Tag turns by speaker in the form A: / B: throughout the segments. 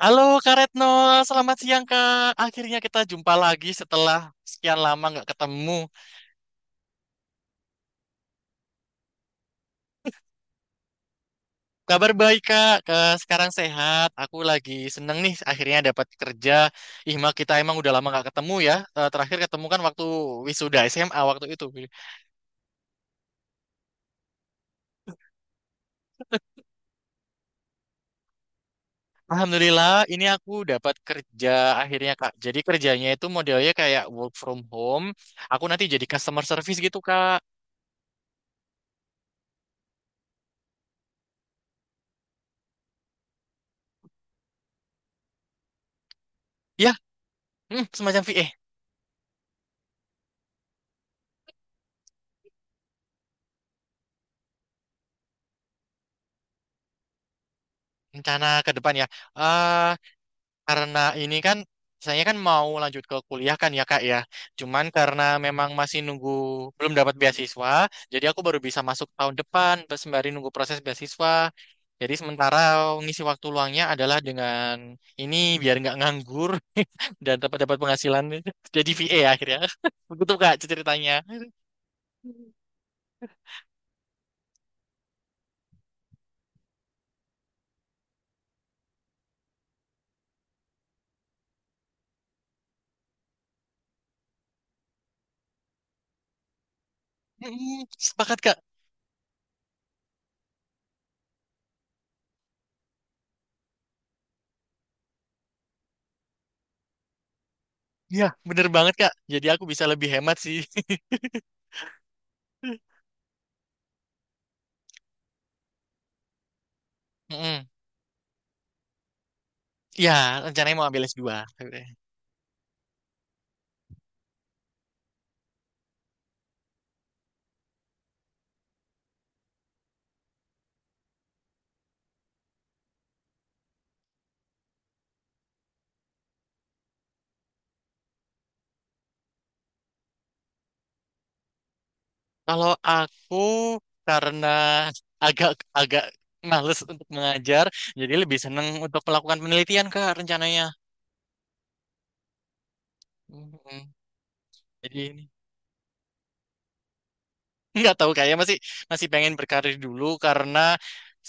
A: Halo Kak Retno, selamat siang Kak. Akhirnya kita jumpa lagi setelah sekian lama nggak ketemu. Kabar baik Kak, sekarang sehat. Aku lagi seneng nih akhirnya dapat kerja. Ih Mak, kita emang udah lama nggak ketemu ya. Terakhir ketemu kan waktu wisuda SMA waktu itu. Alhamdulillah ini aku dapat kerja akhirnya Kak. Jadi kerjanya itu modelnya kayak work from home. Aku nanti jadi customer service gitu Kak. Ya, semacam VA. Rencana ke depan ya. Eh, Karena ini kan saya kan mau lanjut ke kuliah kan ya Kak ya. Cuman karena memang masih nunggu belum dapat beasiswa, jadi aku baru bisa masuk tahun depan pas sembari nunggu proses beasiswa. Jadi sementara ngisi waktu luangnya adalah dengan ini biar nggak nganggur dan dapat dapat penghasilan jadi VA akhirnya. Begitu Kak ceritanya. Mm, Sepakat Kak. Iya, bener banget Kak. Jadi aku bisa lebih hemat sih. Mm-mm. Iya, rencananya mau ambil S2. Kalau aku karena agak agak males untuk mengajar, jadi lebih seneng untuk melakukan penelitian Kak rencananya. mm Jadi ini nggak tahu kayaknya masih masih pengen berkarir dulu karena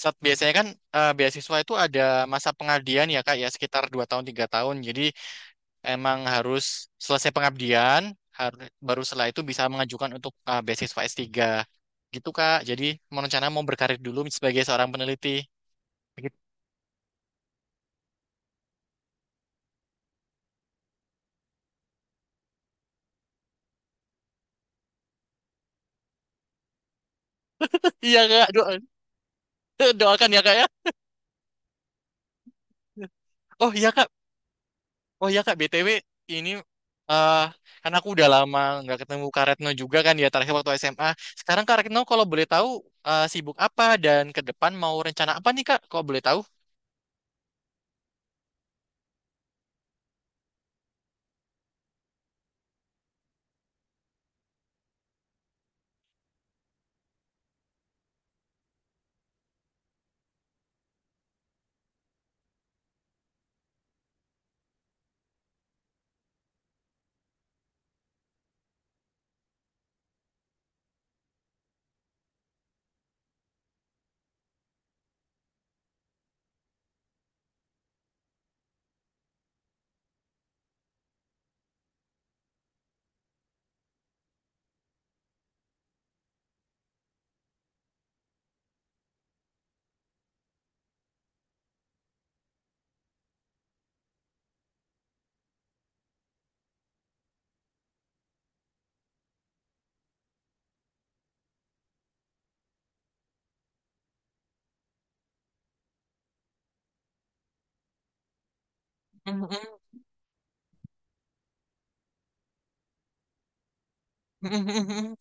A: saat biasanya kan beasiswa itu ada masa pengabdian ya Kak ya sekitar 2 tahun 3 tahun. Jadi emang harus selesai pengabdian harus baru setelah itu bisa mengajukan untuk beasiswa S3 gitu Kak. Jadi mau rencana mau berkarir dulu sebagai seorang peneliti. Iya Kak, doakan ya Kak ya. Oh iya kak, oh iya Kak, BTW ini eh karena aku udah lama nggak ketemu Kak Retno juga kan ya terakhir waktu SMA. Sekarang Kak Retno kalau boleh tahu sibuk apa dan ke depan mau rencana apa nih Kak? Kalau boleh tahu?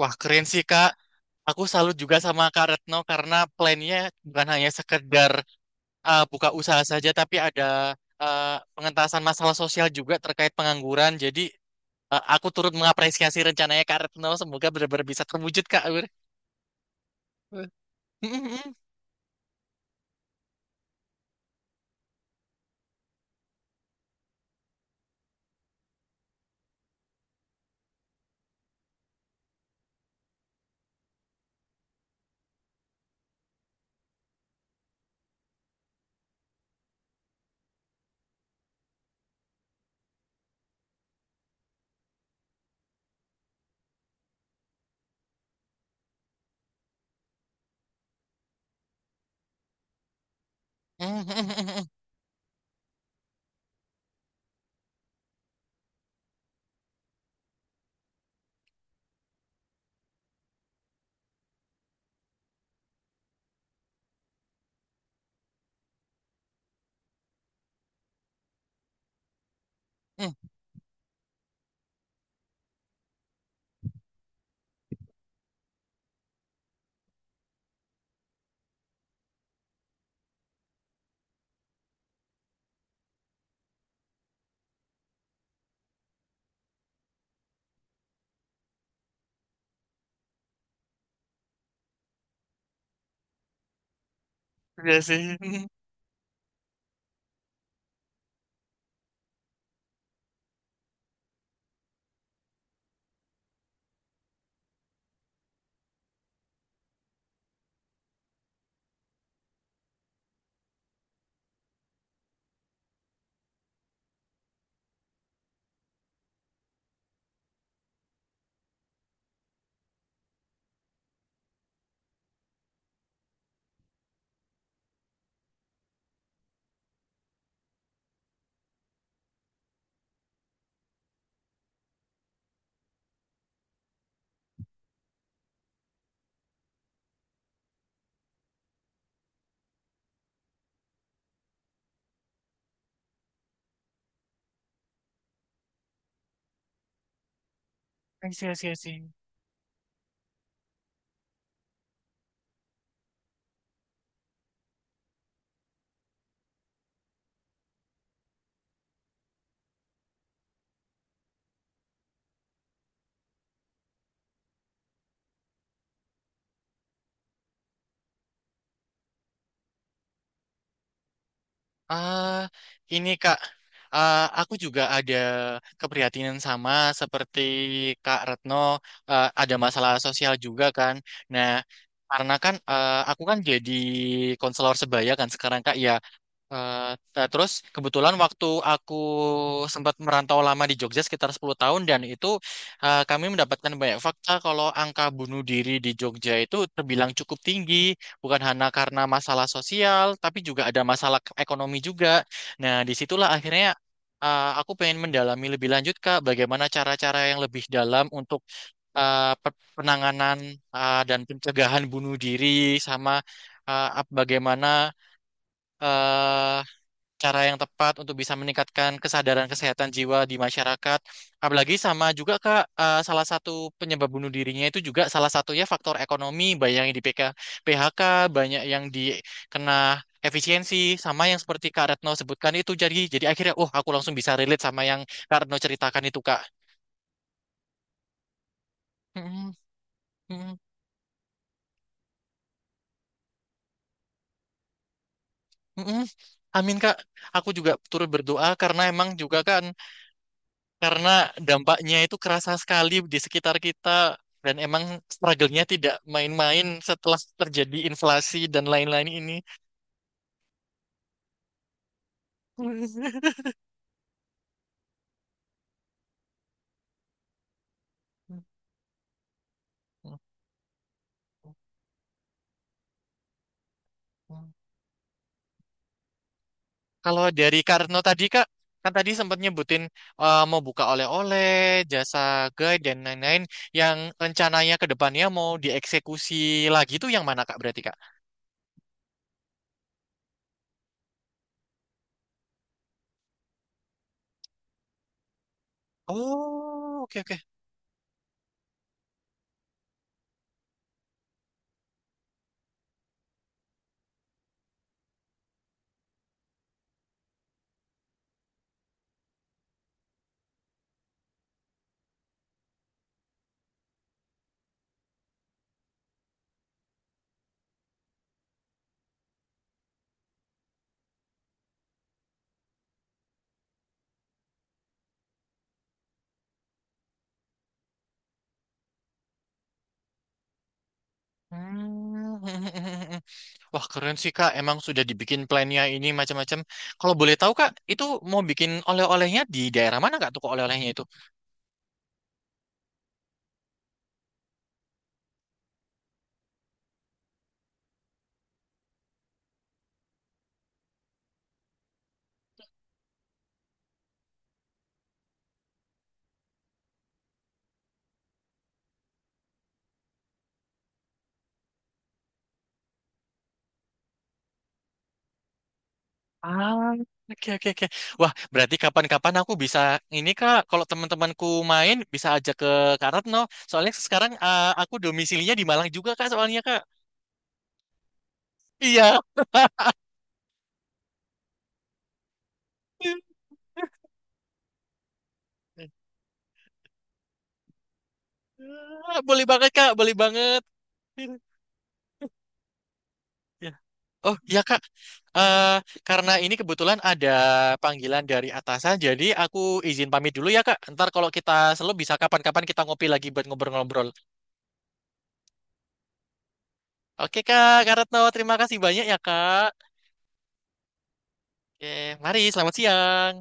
A: Wah keren sih Kak. Aku salut juga sama Kak Retno karena plannya bukan hanya sekedar buka usaha saja, tapi ada eh, pengentasan masalah sosial juga terkait pengangguran. Jadi aku turut mengapresiasi rencananya Kak Retno. Semoga benar-benar bisa terwujud Kak. Iya sih. Iya sih, iya sih. Ah, ini Kak, ah, aku juga ada keprihatinan sama seperti Kak Retno. Ah, ada masalah sosial juga kan. Nah, karena kan ah, aku kan jadi konselor sebaya kan sekarang Kak. Ya, Eh, nah, terus kebetulan waktu aku sempat merantau lama di Jogja sekitar 10 tahun dan itu kami mendapatkan banyak fakta kalau angka bunuh diri di Jogja itu terbilang cukup tinggi, bukan hanya karena masalah sosial, tapi juga ada masalah ekonomi juga. Nah, disitulah akhirnya aku pengen mendalami lebih lanjut, Kak, bagaimana cara-cara yang lebih dalam untuk penanganan dan pencegahan bunuh diri sama bagaimana eh, cara yang tepat untuk bisa meningkatkan kesadaran kesehatan jiwa di masyarakat. Apalagi sama juga Kak, salah satu penyebab bunuh dirinya itu juga salah satunya faktor ekonomi, banyak yang di PHK, banyak yang dikena efisiensi, sama yang seperti Kak Retno sebutkan itu. Jadi akhirnya, oh aku langsung bisa relate sama yang Kak Retno ceritakan itu Kak. Mm-mm, mm-mm, mm-mm. Amin Kak, aku juga turut berdoa karena emang juga kan karena dampaknya itu kerasa sekali di sekitar kita dan emang struggle-nya tidak main-main setelah terjadi inflasi dan lain-lain ini. Kalau dari Karno tadi Kak, kan tadi sempat nyebutin mau buka oleh-oleh, jasa guide dan lain-lain yang rencananya ke depannya mau dieksekusi lagi itu yang mana Kak berarti Kak? Oh, oke oke. Hmm. Wah, keren sih, Kak. Emang sudah dibikin plannya ini macam-macam. Kalau boleh tahu, Kak, itu mau bikin oleh-olehnya di daerah mana, Kak, toko oleh-olehnya itu? Ah, oke, oke, oke. Wah, berarti kapan-kapan aku bisa ini, Kak, kalau teman-temanku main, bisa ajak ke Kak Retno. Soalnya sekarang aku domisilinya di Malang juga, Kak, soalnya, Kak. Iya. Boleh banget, Kak. Boleh banget. Ya. Oh, iya, Kak. Eh, karena ini kebetulan ada panggilan dari atasan, jadi aku izin pamit dulu ya Kak. Ntar kalau kita selalu bisa kapan-kapan kita ngopi lagi buat ngobrol-ngobrol. Oke Kak, Kak Retno, terima kasih banyak ya Kak. Oke, mari selamat siang.